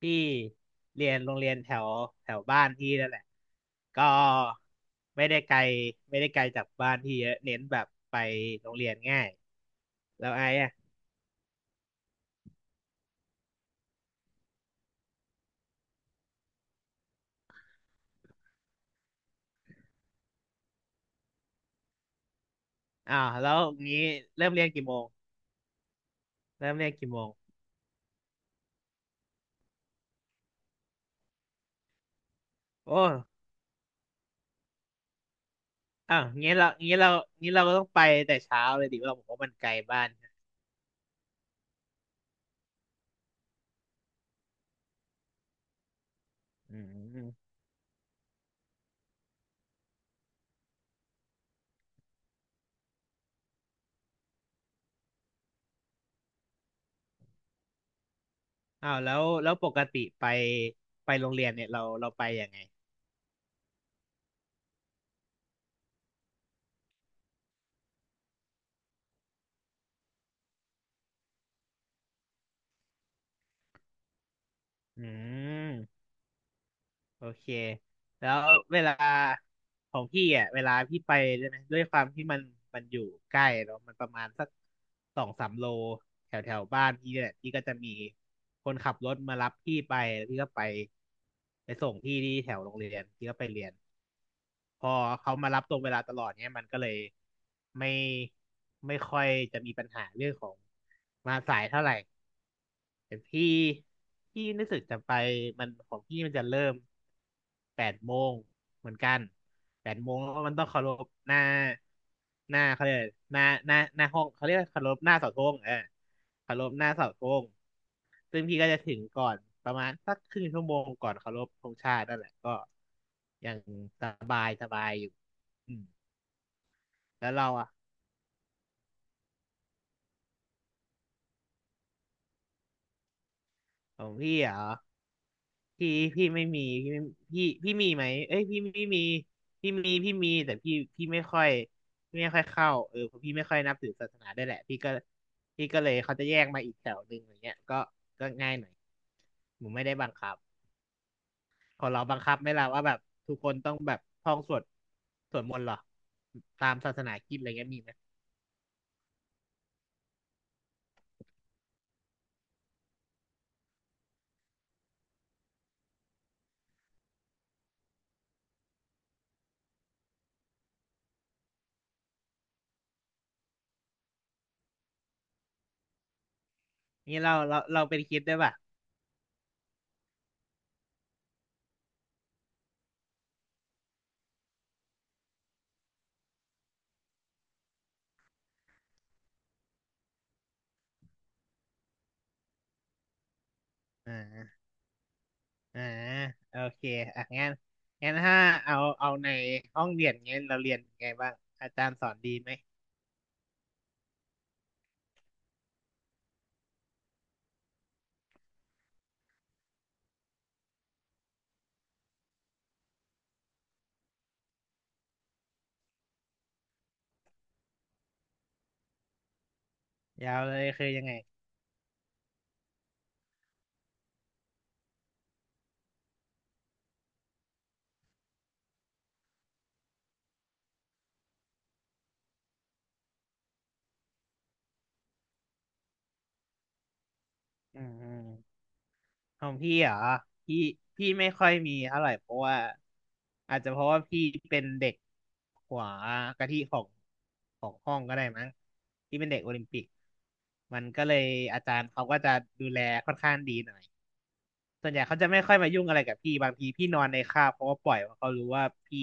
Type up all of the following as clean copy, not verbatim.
พี่เรียนโรงเรียนแถวแถวบ้านพี่นั่นแหละก็ไม่ได้ไกลไม่ได้ไกลจากบ้านพี่เยอะเน้นแบบไปโรงเรียนง่ายแล้วไอ้อะอ้าวแล้วงี้เริ่มเรียนกี่โมงเริ่มเรียนกี่โมงโอ้อ้าวงี้เราก็ต้องไปแต่เช้าเลยดิเราบอกว่ามันไกลบ้านนะอืมอ้าวแล้วแล้วปกติไปไปโรงเรียนเนี่ยเราไปยังไงอืม โอเค แล้วเวลาของพี่อ่ะเวลาพี่ไปใช่ไหมด้วยความที่มันอยู่ใกล้เนาะมันประมาณสักสองสามโลแถวแถวบ้านพี่เนี่ยแหละพี่ก็จะมีคนขับรถมารับพี่ไปแล้วพี่ก็ไปไปส่งพี่ที่แถวโรงเรียนพี่ก็ไปเรียนพอเขามารับตรงเวลาตลอดเนี่ยมันก็เลยไม่ไม่ค่อยจะมีปัญหาเรื่องของมาสายเท่าไหร่ แต่พี่พี่รู้สึกจะไปมันของพี่มันจะเริ่มแปดโมงเหมือนกันแปดโมงแล้วมันต้องเคารพหน้าหน้าเขาเรียกอะไรหน้าห้องเขาเรียกว่าเคารพหน้าเสาธงเออเคารพหน้าเสาธงซึ่งพี่ก็จะถึงก่อนประมาณสักครึ่งชั่วโมงก่อนเคารพธงชาตินั่นแหละก็อย่างตามอืมแล้วเราอ่ะของพี่เหรอ พี่พี่ไม่มีพี่มีไหมเอ้ยพี่มีพี่มีพี่มีแต่พี่พี่ไม่ค่อยพี่ไม่ค่อยเข้าเออเพราะพี่ไม่ค่อยนับถือศาสนาด้วยแหละพี่ก็พี่ก็เลยเขาจะแยกมาอีกแถวหนึ่งอย่างเงี้ยก็ก็ง่ายหน่อยหนูไม่ได้บังคับของเราบังคับไหมล่ะว่าแบบทุกคนต้องแบบท่องสวดสวดมนต์เหรอตามศาสนาคริสต์อะไรเงี้ยมีไหมนี่เราเป็นคริสต์ได้วยป่ะอ่า อ่าโอเคอ่ะงั้นงั้นถ้าเอาในห้องเรียนเงี้ยเราเรียนยังไงบ้างอาจารย์สอนดีไหมยาวเลยคือยังไงอืมของพี่เหรอพี่พี่ไม่ค่อยมีเท่าไหร่เพราะว่าอาจจะเพราะว่าพี่เป็นเด็กหัวกะทิของของห้องก็ได้มั้งพี่เป็นเด็กโอลิมปิกมันก็เลยอาจารย์เขาก็จะดูแลค่อนข้างดีหน่อย ส่วนใหญ่เขาจะไม่ค่อยมายุ่งอะไรกับพี่บางทีพี่นอนในคาบเขาก็ปล่อยเพราะเขารู้ว่าพี่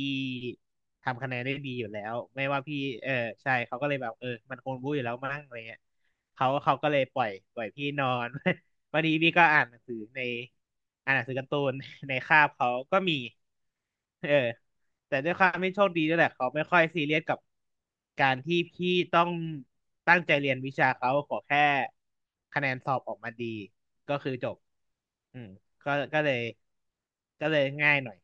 ทำคะแนนได้ดีอยู่แล้วไม่ว่าพี่เออใช่เขาก็เลยแบบเออมันคงรู้อยู่แล้วมั้งอะไรเงี้ยเขาก็เลยปล่อยพี่นอน วันนี้พี่ก็อ่านหนังสือในอ่านหนังสือการ์ตูน ในคาบเขาก็มีเออ แต่ด้วยความไม่โชคดีด้วยแหละเขาไม่ค่อยซีเรียสกับการที่พี่ต้องตั้งใจเรียนวิชาเขาขอแค่คะแนนสอบออกมาดีก็คือจบอืมก็เลยก็เลยง่ายหน่อย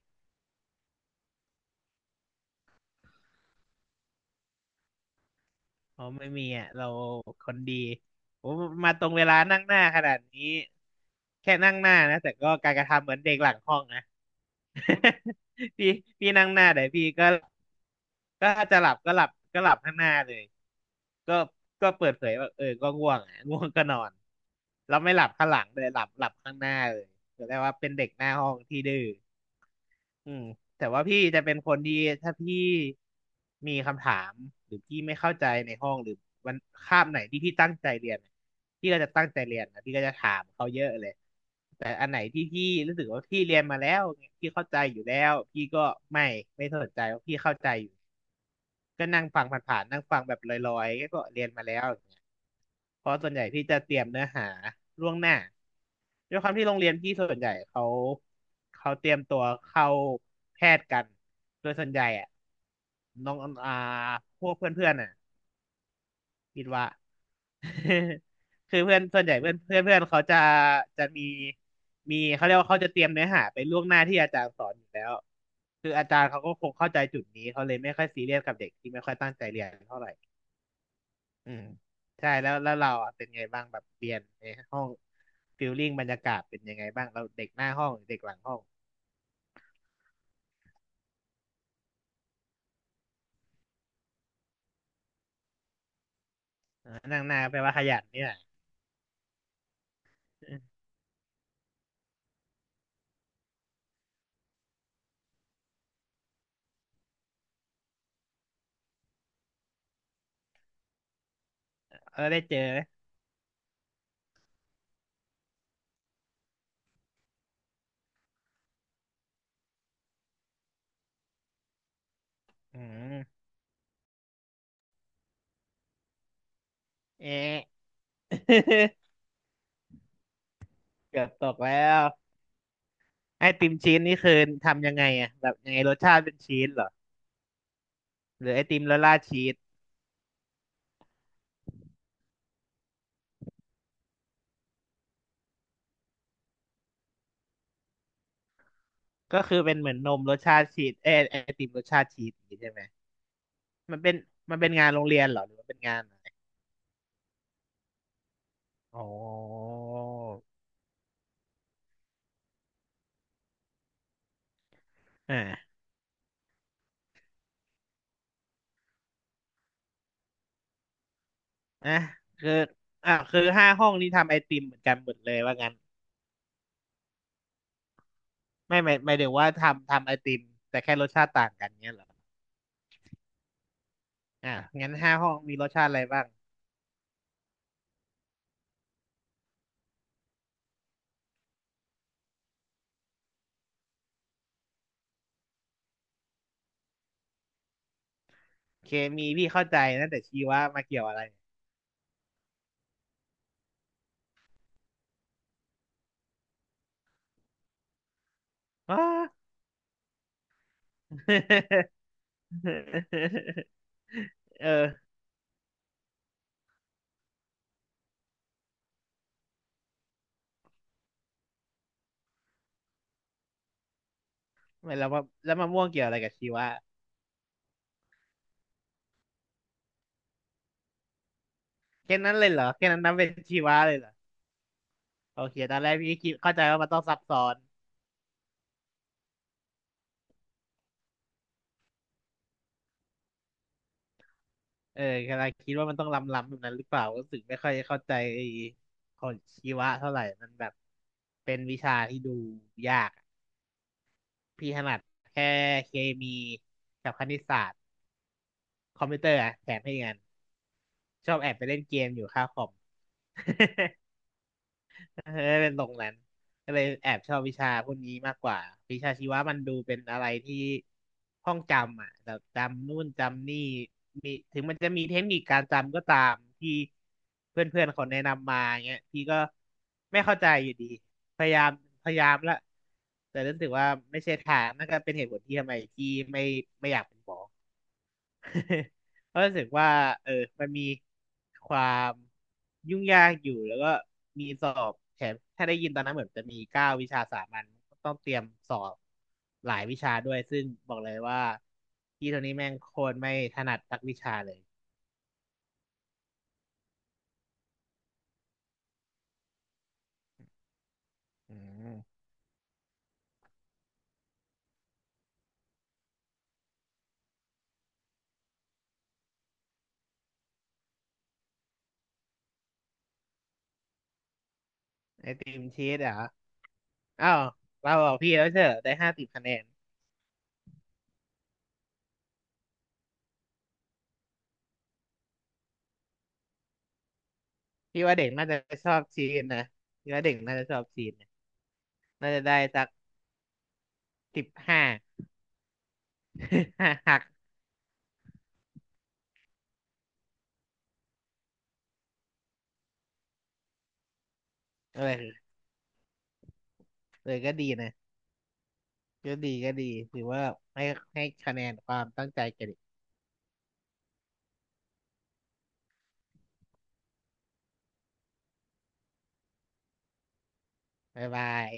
เพราะไม่มีอ่ะเราคนดีผมมาตรงเวลานั่งหน้าขนาดนี้แค่นั่งหน้านะแต่ก็การกระทำเหมือนเด็กหลังห้องนะ พี่พี่นั่งหน้าเดี๋ยวพี่ก็ก็ถ้าจะหลับก็หลับก็หลับข้างหน้าเลยก็ก็เปิดเผยว่าเออก็ง่วงอะง่วงก็นอนแล้วไม่หลับข้างหลังเลยหลับข้างหน้าเลยแสดงว่าเป็นเด็กหน้าห้องที่ดื้อ อืมแต่ว่าพี่จะเป็นคนที่ถ้าพี่มีคำถามหรือพี่ไม่เข้าใจในห้องหรือวันคาบไหนที่พี่ตั้งใจเรียนพี่ก็จะตั้งใจเรียนนะพี่ก็จะถามเขาเยอะเลยแต่อันไหนที่พี่รู้สึกว่าพี่เรียนมาแล้วพี่เข้าใจอยู่แล้วพี่ก็ไม่ไม่สนใจว่าพี่เข้าใจอยู่ ก็นั่งฟังผ่านๆนั่งฟังแบบลอยๆ ก็เรียนมาแล้วอย่างเงี้ยเพราะส่วนใหญ่พี่จะเตรียมเนื้อหาล่วงหน้าด้วยความที่โรงเรียนพี่ส่วนใหญ่เขาเตรียมตัวเข้าแพทย์กันโดยส่วนใหญ่อะน้องอ่าพวกเพื่อนๆอ่ะ คิดว่า คือเพื่อนส่วนใหญ่เพื่อนเพื่อนเพื่อนเขาจะจะมีมีเขาเรียกว่าเขาจะเตรียมเนื้อหาไปล่วงหน้าที่อาจารย์สอนอยู่แล้วคืออาจารย์เขาก็คงเข้าใจจุดนี้เขาเลยไม่ค่อยซีเรียสกับเด็กที่ไม่ค่อยตั้งใจเรียนเท่าไหร่อืมใช่แล้วแล้วเราอะเป็นไงบ้างแบบเรียนในห้องฟิลลิ่งบรรยากาศเป็นยังไงบ้างเราเด็กหน้าห้องหรือเด็กหลังห้องอ่านั่งหน้าแปลว่าขยันนี่แหละเออได้เจอไหมอืมเอะ เกือบตกแล้ว ไอติมชีสนี่คือทำยังไงอะแบบยังไงรสชาติเป็นชีสเหรอหรือไอติมละลาชีสก็คือเป็นเหมือนนมรสชาติชีสเอยไอติมรสชาติชีสอย่างงี้ใช่ไหมมันเป็นมันเป็นงานโรงเรียนเหรอหรือมันเป็นงานอะไรอ๋ออ่าอ่ะคืออ่ะคือห้าห้องนี้ทำไอติมเหมือนกันหมดเลยว่างั้นไม่ถึงวว่าทำไอติมแต่แค่รสชาติต่างกันเงี้ยเหรออ่ะงั้นห้าห้องมีรสชาติอะไรบ้างเคมีพี่เข้าใจนะแต่ชีวะมาเกี่ยวอะไรอ๋อ เออไม่แล้วมาแล้วมะม่วงเกี่ยวอะไรกับชีวะแค่นั้นเลยเหรอแค่นั้นนับเป็นชีวะเลยเหรอโอเคตอนแรกพี่คิดเข้าใจว่ามันต้องซับซ้อนเออกำลังคิดว่ามันต้องล้ำๆแบบนั้นหรือเปล่ารู้สึกไม่ค่อยเข้าใจไอ้ของชีวะเท่าไหร่มันแบบเป็นวิชาที่ดูยากอะพี่ถนัดแค่เคมีกับคณิตศาสตร์คอมพิวเตอร์อะแถมให้อีกอันชอบแอบไปเล่นเกมอยู่ค่าคอม เป็นตรงนั้นก็เลยแอบชอบวิชาพวกนี้มากกว่าวิชาชีวะมันดูเป็นอะไรที่ท่องจำอ่ะแบบจำนู่นจำนี่มีถึงมันจะมีเทคนิคการจำก็ตามที่เพื่อนๆเขาแนะนำมาเงี้ยพี่ก็ไม่เข้าใจอยู่ดีพยายามพยายามละแต่รู้สึกว่าไม่ใช่ทางนั่นก็เป็นเหตุผลที่ทำไมพี่ไม่ไม่อยากเป็นหมอ เพราะรู้สึกว่าเออมันมีความยุ่งยากอยู่แล้วก็มีสอบแถมถ้าได้ยินตอนนั้นเหมือนจะมี9 วิชาสามัญต้องเตรียมสอบหลายวิชาด้วยซึ่งบอกเลยว่าพี่ตัวนี้แม่งโคตรไม่ถนัดสักวิชาเลยอืมไอติมชีสเหรออ้าวเราบอกพี่แล้วเชอได้50 คะแนนพี่ว่าเด็กน่าจะชอบชีสนะพี่ว่าเด็กน่าจะชอบชีสนะน่าจะได้สัก15 หักเออเออก็ดีนะ ก็ดีก็ดีถือว่าให้ให้คะแนนความตั้งใจแกันอีกบ๊ายบาย